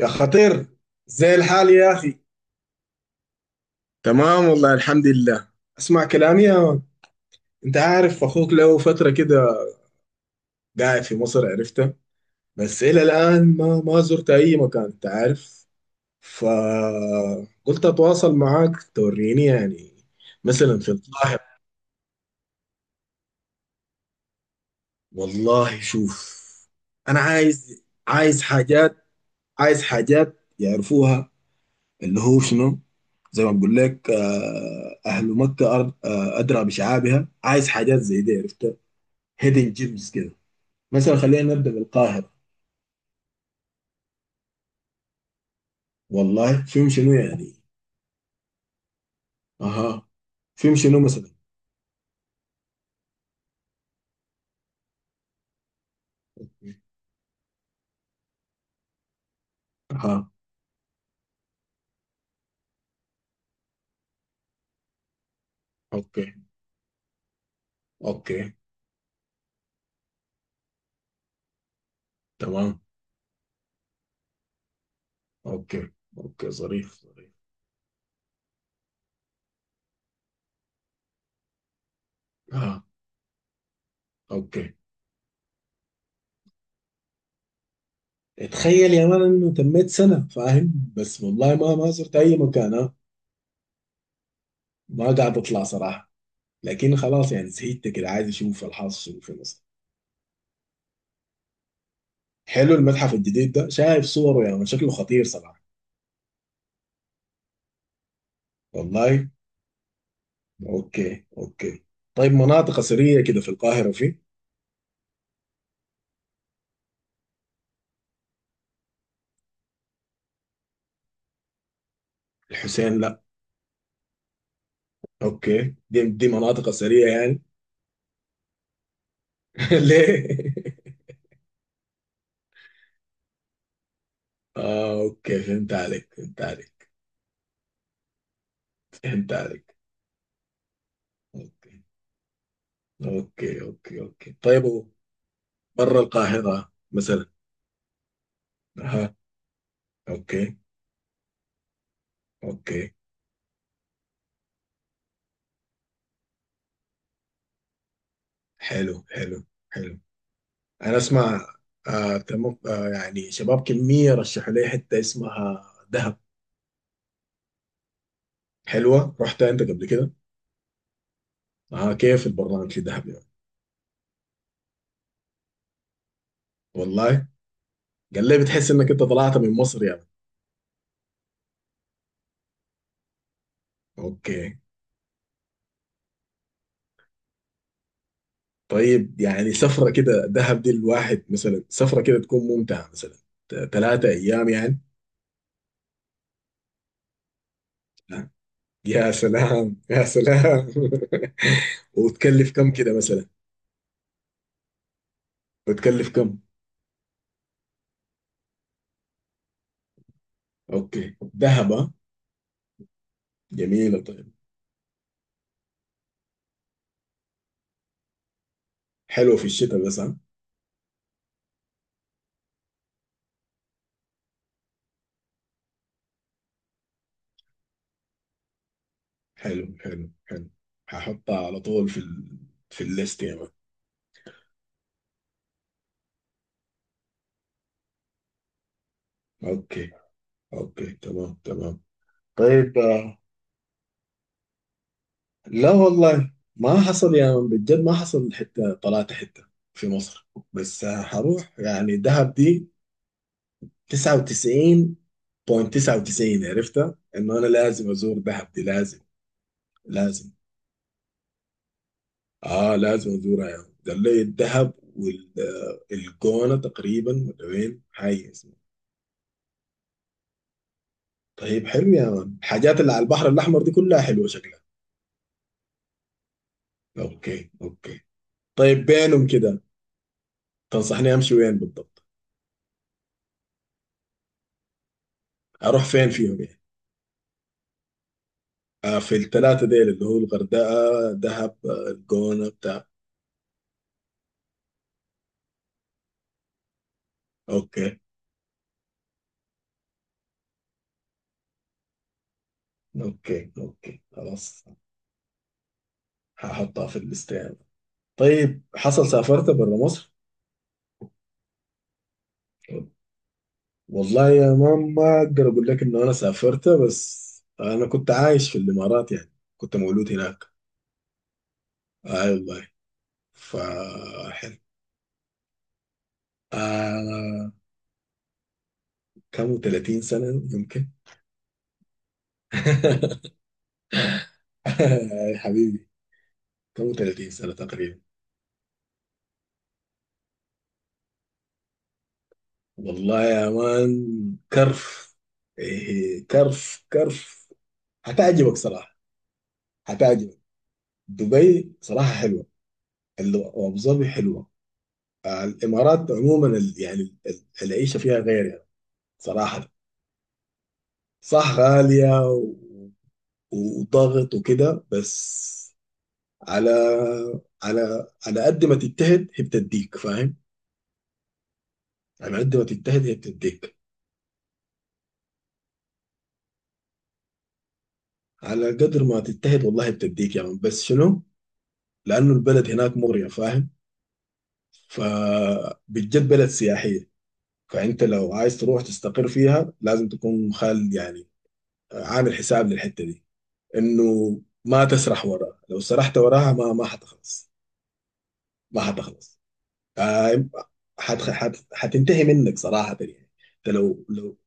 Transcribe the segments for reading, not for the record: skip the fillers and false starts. يا خطير، زي الحال يا أخي؟ تمام والله، الحمد لله. اسمع كلامي يا مان. أنت عارف أخوك له فترة كده قاعد في مصر، عرفته. بس إلى الآن ما زرت أي مكان أنت عارف. فقلت أتواصل معاك توريني يعني، مثلا في القاهرة. والله شوف، أنا عايز، عايز حاجات، عايز حاجات يعرفوها، اللي هو شنو. زي ما بقول لك، آه، أهل مكة أرض، أدرى بشعابها. عايز حاجات زي دي عرفت، هيدن جيمز كده. مثلا خلينا نبدأ بالقاهرة. والله فيهم شنو يعني؟ أها. فيهم شنو مثلا؟ أها. أوكي، أوكي. تمام. أوكي، أوكي، ظريف ظريف. أها. أوكي. تخيل يا مان إنه تميت سنة فاهم، بس والله ما زرت أي مكان، ها. ما قاعد أطلع صراحة، لكن خلاص يعني زهقت كده، عايز أشوف الحاصل شنو في مصر. حلو، المتحف الجديد ده شايف صوره يا من، شكله خطير صراحة. والله. اوكي، اوكي. طيب مناطق اثرية كده في القاهرة؟ في الحسين؟ لا. اوكي، دي مناطق اثرية يعني. ليه؟ اه، اوكي، فهمت عليك، فهمت عليك. فهمت عليك. اوكي، اوكي، اوكي، اوكي. طيب برا القاهرة مثلا. اها. اوكي، اوكي. حلو حلو حلو، انا اسمع. آه تمام، آه يعني شباب كمية رشحوا لي حتة اسمها دهب. حلوه؟ رحت انت قبل كده؟ اه، كيف البرنامج الذهبي ده؟ والله. قال لي بتحس انك انت طلعت من مصر يعني. اوكي. طيب يعني سفره كده دهب دي، الواحد مثلا سفره كده تكون ممتعه مثلا ثلاثه ايام يعني؟ آه. يا سلام، يا سلام. وتكلف كم كده مثلا؟ بتكلف كم؟ اوكي، دهب، آه. جميله. طيب. حلوه في الشتاء بس، ها؟ حلو حلو حلو، هحطها على طول في الليست يا مان. اوكي، اوكي، تمام تمام. طيب آه، لا والله ما حصل يا من، بجد ما حصل حتة طلعت حتة في مصر، بس آه، حروح يعني دهب دي 99.99، عرفتها انه انا لازم ازور دهب دي، لازم، لازم. اه لازم ازورها يعني. قال لي الدهب والجونة تقريبا، ولا وين هاي اسمها؟ طيب حلو يا مان، الحاجات اللي على البحر الاحمر دي كلها حلوة شكلها. اوكي، اوكي. طيب بينهم كده تنصحني امشي وين بالضبط؟ اروح فين فيهم يعني؟ آه، في الثلاثة ديل، اللي هو الغردقة، دهب، آه، الجونة بتاع. اوكي، اوكي، اوكي، خلاص. هحطها في الليست يعني. طيب حصل سافرت برا مصر؟ والله يا مان ما اقدر اقول لك انه انا سافرت، بس انا كنت عايش في الامارات يعني، كنت مولود هناك. اي والله. فحلو. آه، كم، 30 سنة يمكن. حبيبي. كم 30 سنة تقريبا. والله يا مان كرف. إيه كرف، كرف. هتعجبك صراحة. هتعجبك. دبي صراحة حلوة، وأبو ظبي حلوة. آه، الإمارات عموما، العيشة فيها غير يعني، صراحة. صح، غالية وضغط وكده، بس على، على، على قد ما تجتهد هي بتديك فاهم. على قد ما تجتهد هي بتديك. على قدر ما تجتهد والله بتديك يعني، بس شنو، لأنه البلد هناك مغرية فاهم. فبتجد بلد سياحية، فأنت لو عايز تروح تستقر فيها لازم تكون خال يعني، عامل حساب للحتة دي. إنه ما تسرح وراها، لو سرحت وراها ما حتخلص، ما حتخلص. آه، حت حت حتنتهي منك صراحة يعني. أنت لو.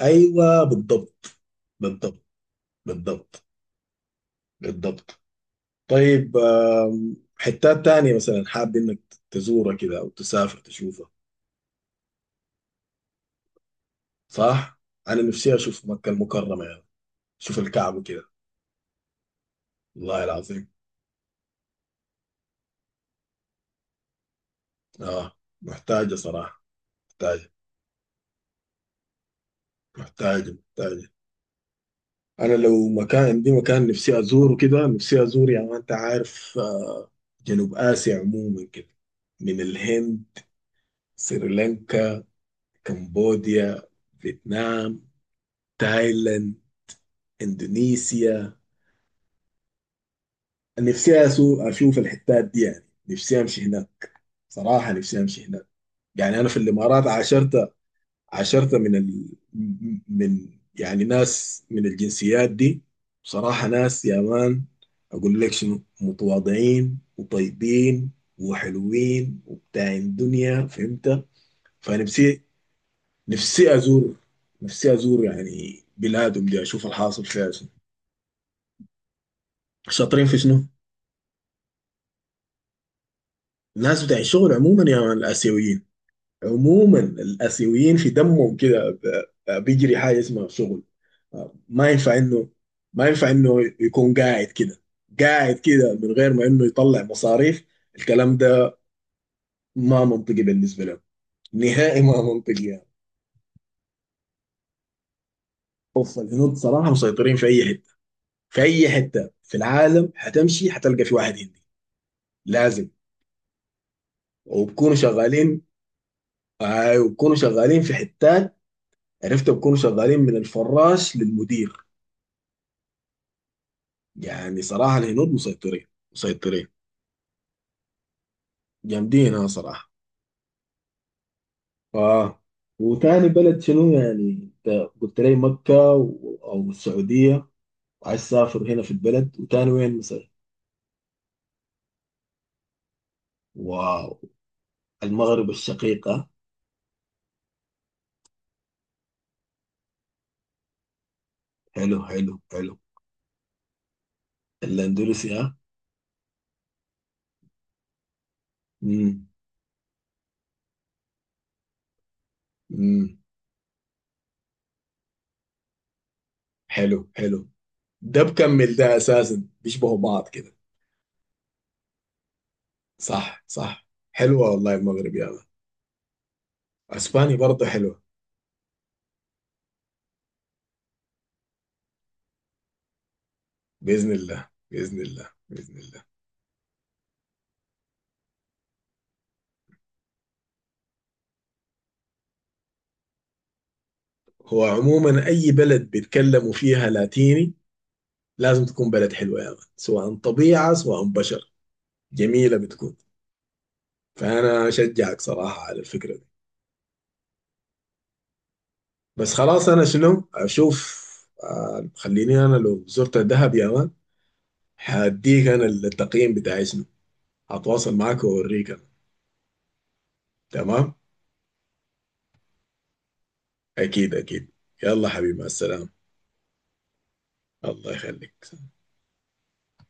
أيوه بالضبط. بالضبط، بالضبط. بالضبط. طيب آم، حتات تانية مثلا حاب إنك تزورها كده أو تسافر تشوفها؟ صح؟ أنا نفسي أشوف مكة المكرمة يعني. شوف الكعب كده، والله العظيم. اه محتاجة صراحة. محتاجة، محتاجة، محتاجة. أنا لو مكان، عندي مكان نفسي أزوره كده، نفسي أزور يعني، ما أنت عارف، آه، جنوب آسيا عموما كده، من الهند، سريلانكا، كمبوديا، فيتنام، تايلاند، إندونيسيا. نفسي أشوف الحتات دي يعني، نفسي أمشي هناك صراحة، نفسي أمشي هناك. يعني أنا في الإمارات عاشرت عشرة من ال... من يعني ناس من الجنسيات دي. بصراحة ناس يا مان، أقول لك شنو، متواضعين وطيبين وحلوين وبتاعين دنيا، فهمت. فنفسي، نفسي أزور، نفسي أزور يعني بلادهم دي، أشوف الحاصل فيها شنو. شاطرين في شنو؟ الناس بتاع الشغل عموما يا مان، الآسيويين عموما، الآسيويين في دمهم كده، بيجري حاجة اسمها شغل. ما ينفع انه، ما ينفع انه يكون قاعد كده، قاعد كده من غير ما انه يطلع مصاريف. الكلام ده ما منطقي بالنسبه له، نهائي ما منطقي يعني. اوف، الهنود صراحه مسيطرين في اي حته، في اي حته في العالم حتمشي حتلقى في واحد هندي، لازم. وبكونوا شغالين. آه وبكونوا شغالين في حتات عرفت، بكونوا شغالين من الفراش للمدير. يعني صراحه الهنود مسيطرين، مسيطرين. جامدين، ها، صراحه. اه. وتاني بلد شنو يعني؟ انت قلت لي مكة او السعودية، وعايز تسافر هنا في البلد، وتاني وين؟ مصر. واو، المغرب الشقيقة. حلو حلو حلو. الاندلسيا. امم. امم. حلو، حلو. ده بكمل ده، اساسا بيشبهوا بعض كده. صح، صح. حلوه والله المغرب يا ما. اسبانيا برضه حلوه. باذن الله، باذن الله، باذن الله. هو عموما اي بلد بيتكلموا فيها لاتيني لازم تكون بلد حلوة يا مان، سواء طبيعة سواء بشر، جميلة بتكون. فأنا أشجعك صراحة على الفكرة دي. بس خلاص أنا شنو أشوف، آه، خليني أنا لو زرت الدهب يا مان هديك أنا التقييم بتاعي شنو، هتواصل معاك وأوريك أنا. تمام. أكيد، أكيد. يلا حبيبي، مع السلامة. الله يخليك.